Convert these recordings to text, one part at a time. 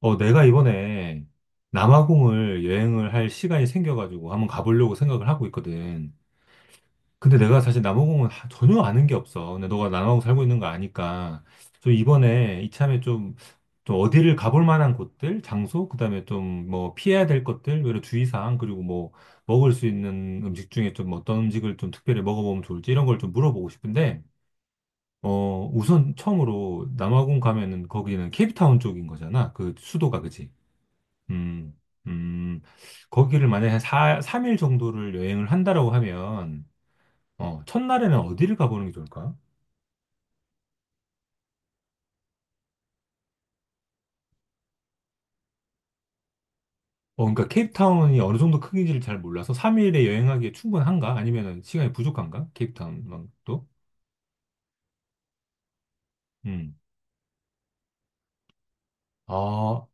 어, 내가 이번에 남아공을 여행을 할 시간이 생겨가지고 한번 가보려고 생각을 하고 있거든. 근데 내가 사실 남아공은 전혀 아는 게 없어. 근데 너가 남아공 살고 있는 거 아니까. 좀 이번에 이참에 좀, 좀 어디를 가볼 만한 곳들, 장소, 그다음에 좀 뭐 피해야 될 것들, 여러 주의사항, 그리고 뭐 먹을 수 있는 음식 중에 좀 어떤 음식을 좀 특별히 먹어보면 좋을지 이런 걸 좀 물어보고 싶은데, 어, 우선 처음으로 남아공 가면은 거기는 케이프타운 쪽인 거잖아. 그 수도가, 그지 음, 음, 거기를 만약에 한 3일 정도를 여행을 한다라고 하면, 어, 첫날에는 어디를 가보는 게 좋을까? 어, 그러니까 케이프타운이 어느 정도 크기인지를 잘 몰라서 3일에 여행하기에 충분한가? 아니면 시간이 부족한가? 케이프타운만도? 음. 아,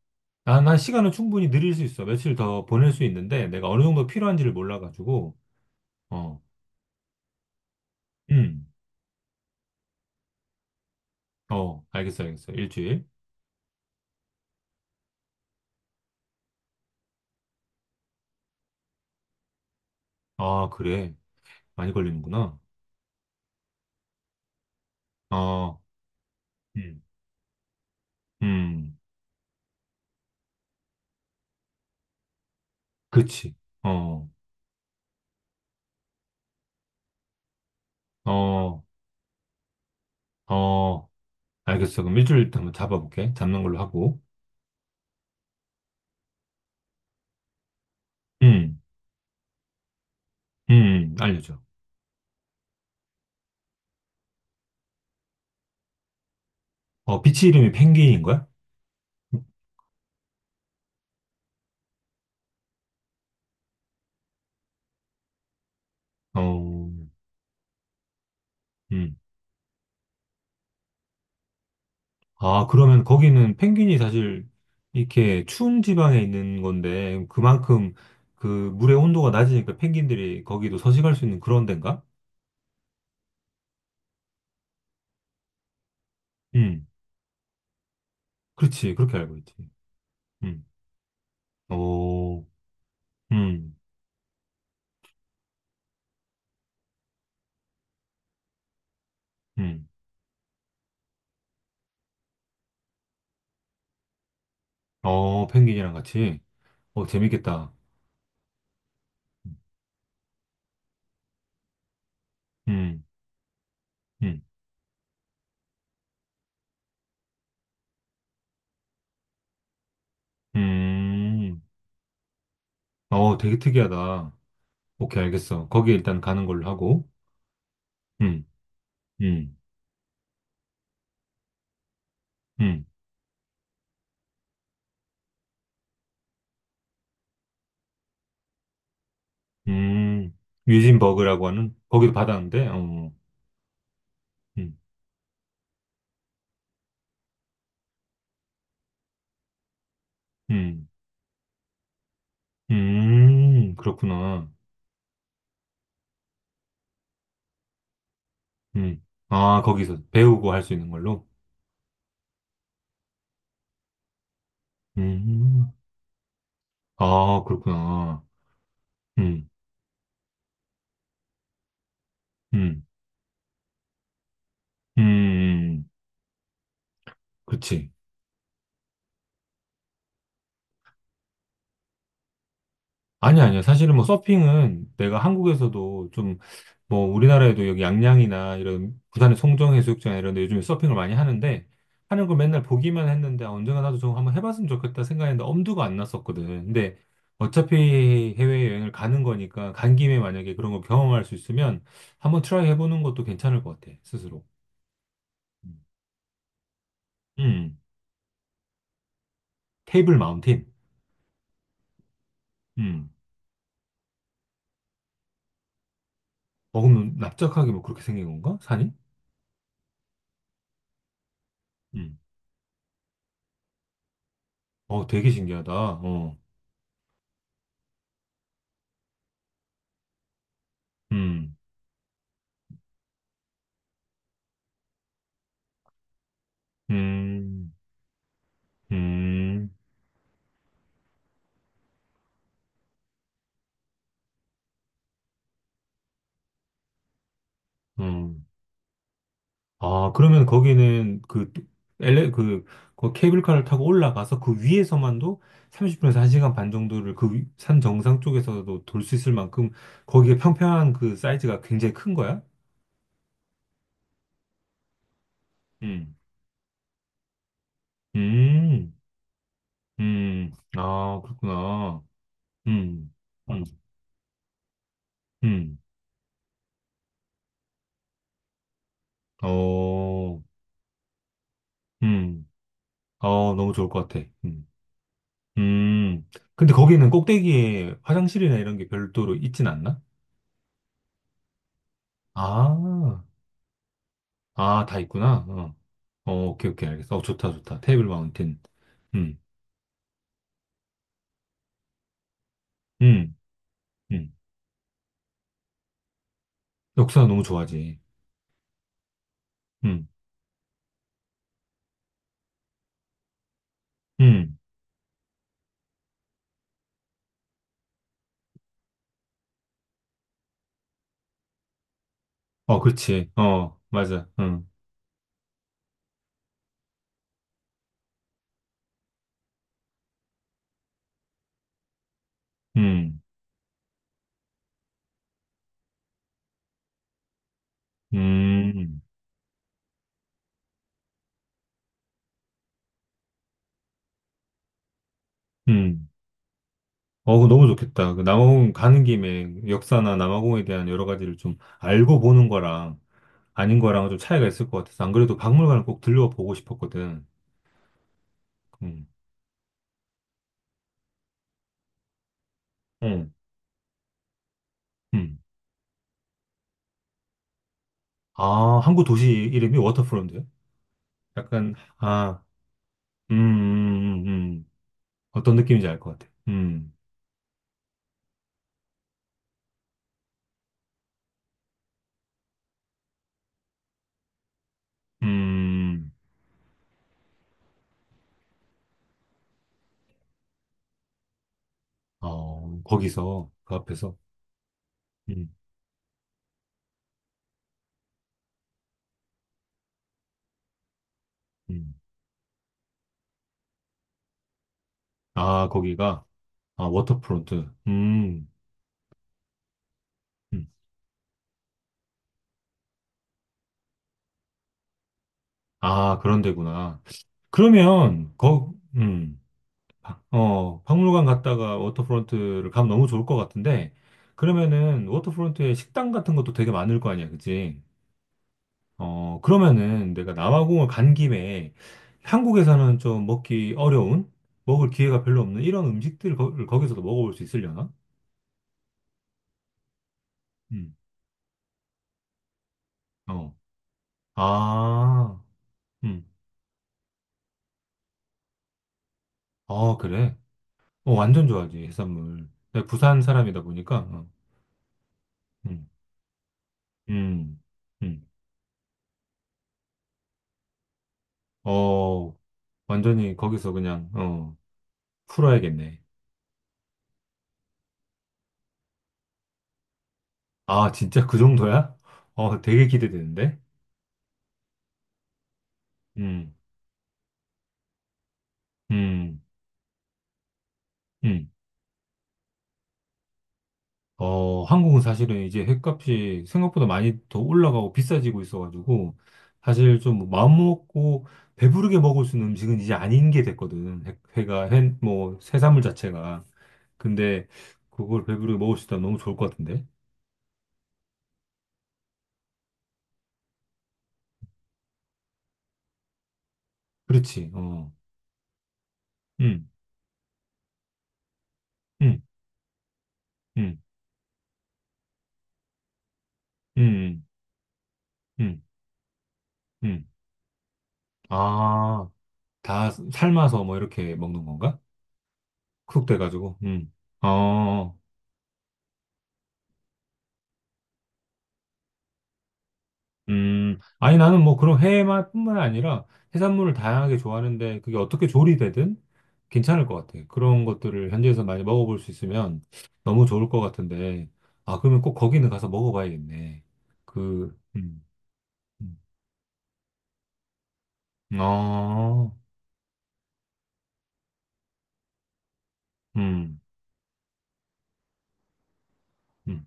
난 시간은 충분히 늘릴 수 있어. 며칠 더 보낼 수 있는데, 내가 어느 정도 필요한지를 몰라가지고, 어, 음, 어, 알겠어, 알겠어. 일주일. 아, 그래. 많이 걸리는구나. 어, 음, 음, 그치. 어. 어, 어, 알겠어. 그럼 일주일 일단 한번 잡아볼게. 잡는 걸로 하고. 음, 알려줘. 어, 비치 이름이 펭귄인 거야? 어, 음. 아, 그러면 거기는 펭귄이 사실 이렇게 추운 지방에 있는 건데, 그만큼 그 물의 온도가 낮으니까 펭귄들이 거기도 서식할 수 있는 그런 데인가? 음, 그렇지. 그렇게 알고 있지. 음, 어, 음, 음. 어, 펭귄이랑 같이. 어, 재밌겠다. 음, 음, 음. 아, 어, 되게 특이하다. 오케이, 알겠어. 거기 일단 가는 걸로 하고. 음, 음, 음, 음. 뮤진버그라고 하는, 거기도 받았는데, 어, 음, 음, 그렇구나. 아, 거기서 배우고 할 수 있는 걸로? 음, 아, 그렇구나. 음, 음, 음, 음. 그렇지. 아니, 아니야. 사실은 뭐 서핑은 내가 한국에서도 좀 뭐 우리나라에도 여기 양양이나 이런 부산의 송정해수욕장 이런 데 요즘에 서핑을 많이 하는데 하는 걸 맨날 보기만 했는데 아, 언젠가 나도 좀 한번 해봤으면 좋겠다 생각했는데 엄두가 안 났었거든. 근데 어차피 해외여행을 가는 거니까 간 김에 만약에 그런 걸 경험할 수 있으면 한번 트라이 해보는 것도 괜찮을 것 같아. 스스로. 음. 음. 테이블 마운틴. 음. 어, 그럼 납작하게 뭐 그렇게 생긴 건가? 산이? 음. 어, 되게 신기하다. 어. 음. 음, 음, 음. 아, 그러면 거기는 엘레, 그, 그 케이블카를 타고 올라가서 그 위에서만도 30분에서 1시간 반 정도를 산 정상 쪽에서도 돌 수 있을 만큼 거기에 평평한 그 사이즈가 굉장히 큰 거야? 음, 음, 아, 그렇구나. 음, 음, 음. 어, 음. 어, 너무 좋을 것 같아. 음. 음. 근데 거기는 꼭대기에 화장실이나 이런 게 별도로 있진 않나? 아, 아, 다 있구나. 어, 어, 오케이, 오케이, 알겠어. 어, 좋다, 좋다. 테이블 마운틴. 음, 음, 음. 역사 너무 좋아하지. 음, 음. 어, 그렇지. 어, 맞아. 음, 음, 음. 어, 그거 너무 좋겠다. 그 남아공 가는 김에 역사나 남아공에 대한 여러 가지를 좀 알고 보는 거랑 아닌 거랑은 좀 차이가 있을 것 같아서 안 그래도 박물관을 꼭 들려보고 싶었거든. 음, 음, 음. 아, 항구 도시 이름이 워터프론트요? 약간, 아, 음. 어떤 느낌인지 알 것 같아. 음, 어, 거기서, 그 앞에서, 음, 음. 아, 거기가, 아, 워터프론트. 음. 아, 그런 데구나. 그러면, 어, 박물관 갔다가 워터프론트를 가면 너무 좋을 것 같은데, 그러면은, 워터프론트에 식당 같은 것도 되게 많을 거 아니야, 그치? 어, 그러면은 내가 남아공을 간 김에 한국에서는 좀 먹기 어려운, 먹을 기회가 별로 없는 이런 음식들을 기서도 먹어볼 수 있으려나? 음. 어. 아, 음. 아, 그래. 어, 완전 좋아하지, 해산물. 내가 부산 사람이다 보니까, 어. 음, 음, 음. 어, 완전히 거기서 그냥, 풀어야겠네. 아, 진짜 그 정도야? 어, 되게 기대되는데? 음, 음, 음. 어, 한국은 사실은 이제 횟값이 생각보다 많이 더 올라가고 비싸지고 있어가지고, 사실 좀 마음먹고 배부르게 먹을 수 있는 음식은 이제 아닌 게 됐거든. 회, 회가, 회, 뭐, 해산물 자체가. 근데 그걸 배부르게 먹을 수 있다면 너무 좋을 것 같은데? 그렇지, 어. 음, 음, 음, 음, 음, 음. 아, 다 삶아서 뭐 이렇게 먹는 건가? 쿡 돼가지고, 어. 어, 어. 아니, 나는 뭐 그런 해만 뿐만 아니라 해산물을 다양하게 좋아하는데 그게 어떻게 조리되든 괜찮을 것 같아. 그런 것들을 현지에서 많이 먹어볼 수 있으면 너무 좋을 것 같은데. 아, 그러면 꼭 거기는 가서 먹어봐야겠네. 그, 음. 아, 음, 음.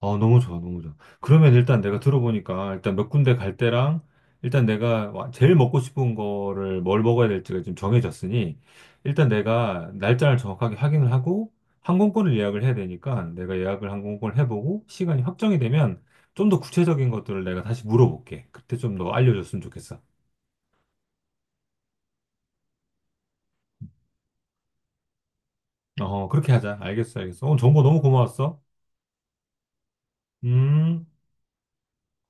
어, 너무 좋아, 너무 좋아. 그러면 일단 내가 들어보니까 일단 몇 군데 갈 때랑 일단 내가 제일 먹고 싶은 거를 뭘 먹어야 될지가 지금 정해졌으니 일단 내가 날짜를 정확하게 확인을 하고 항공권을 예약을 해야 되니까 내가 예약을 항공권을 해보고 시간이 확정이 되면 좀 더 구체적인 것들을 내가 다시 물어볼게. 그때 좀 더 알려줬으면 좋겠어. 어, 그렇게 하자. 알겠어, 알겠어. 오늘 정보 너무 고마웠어. 음.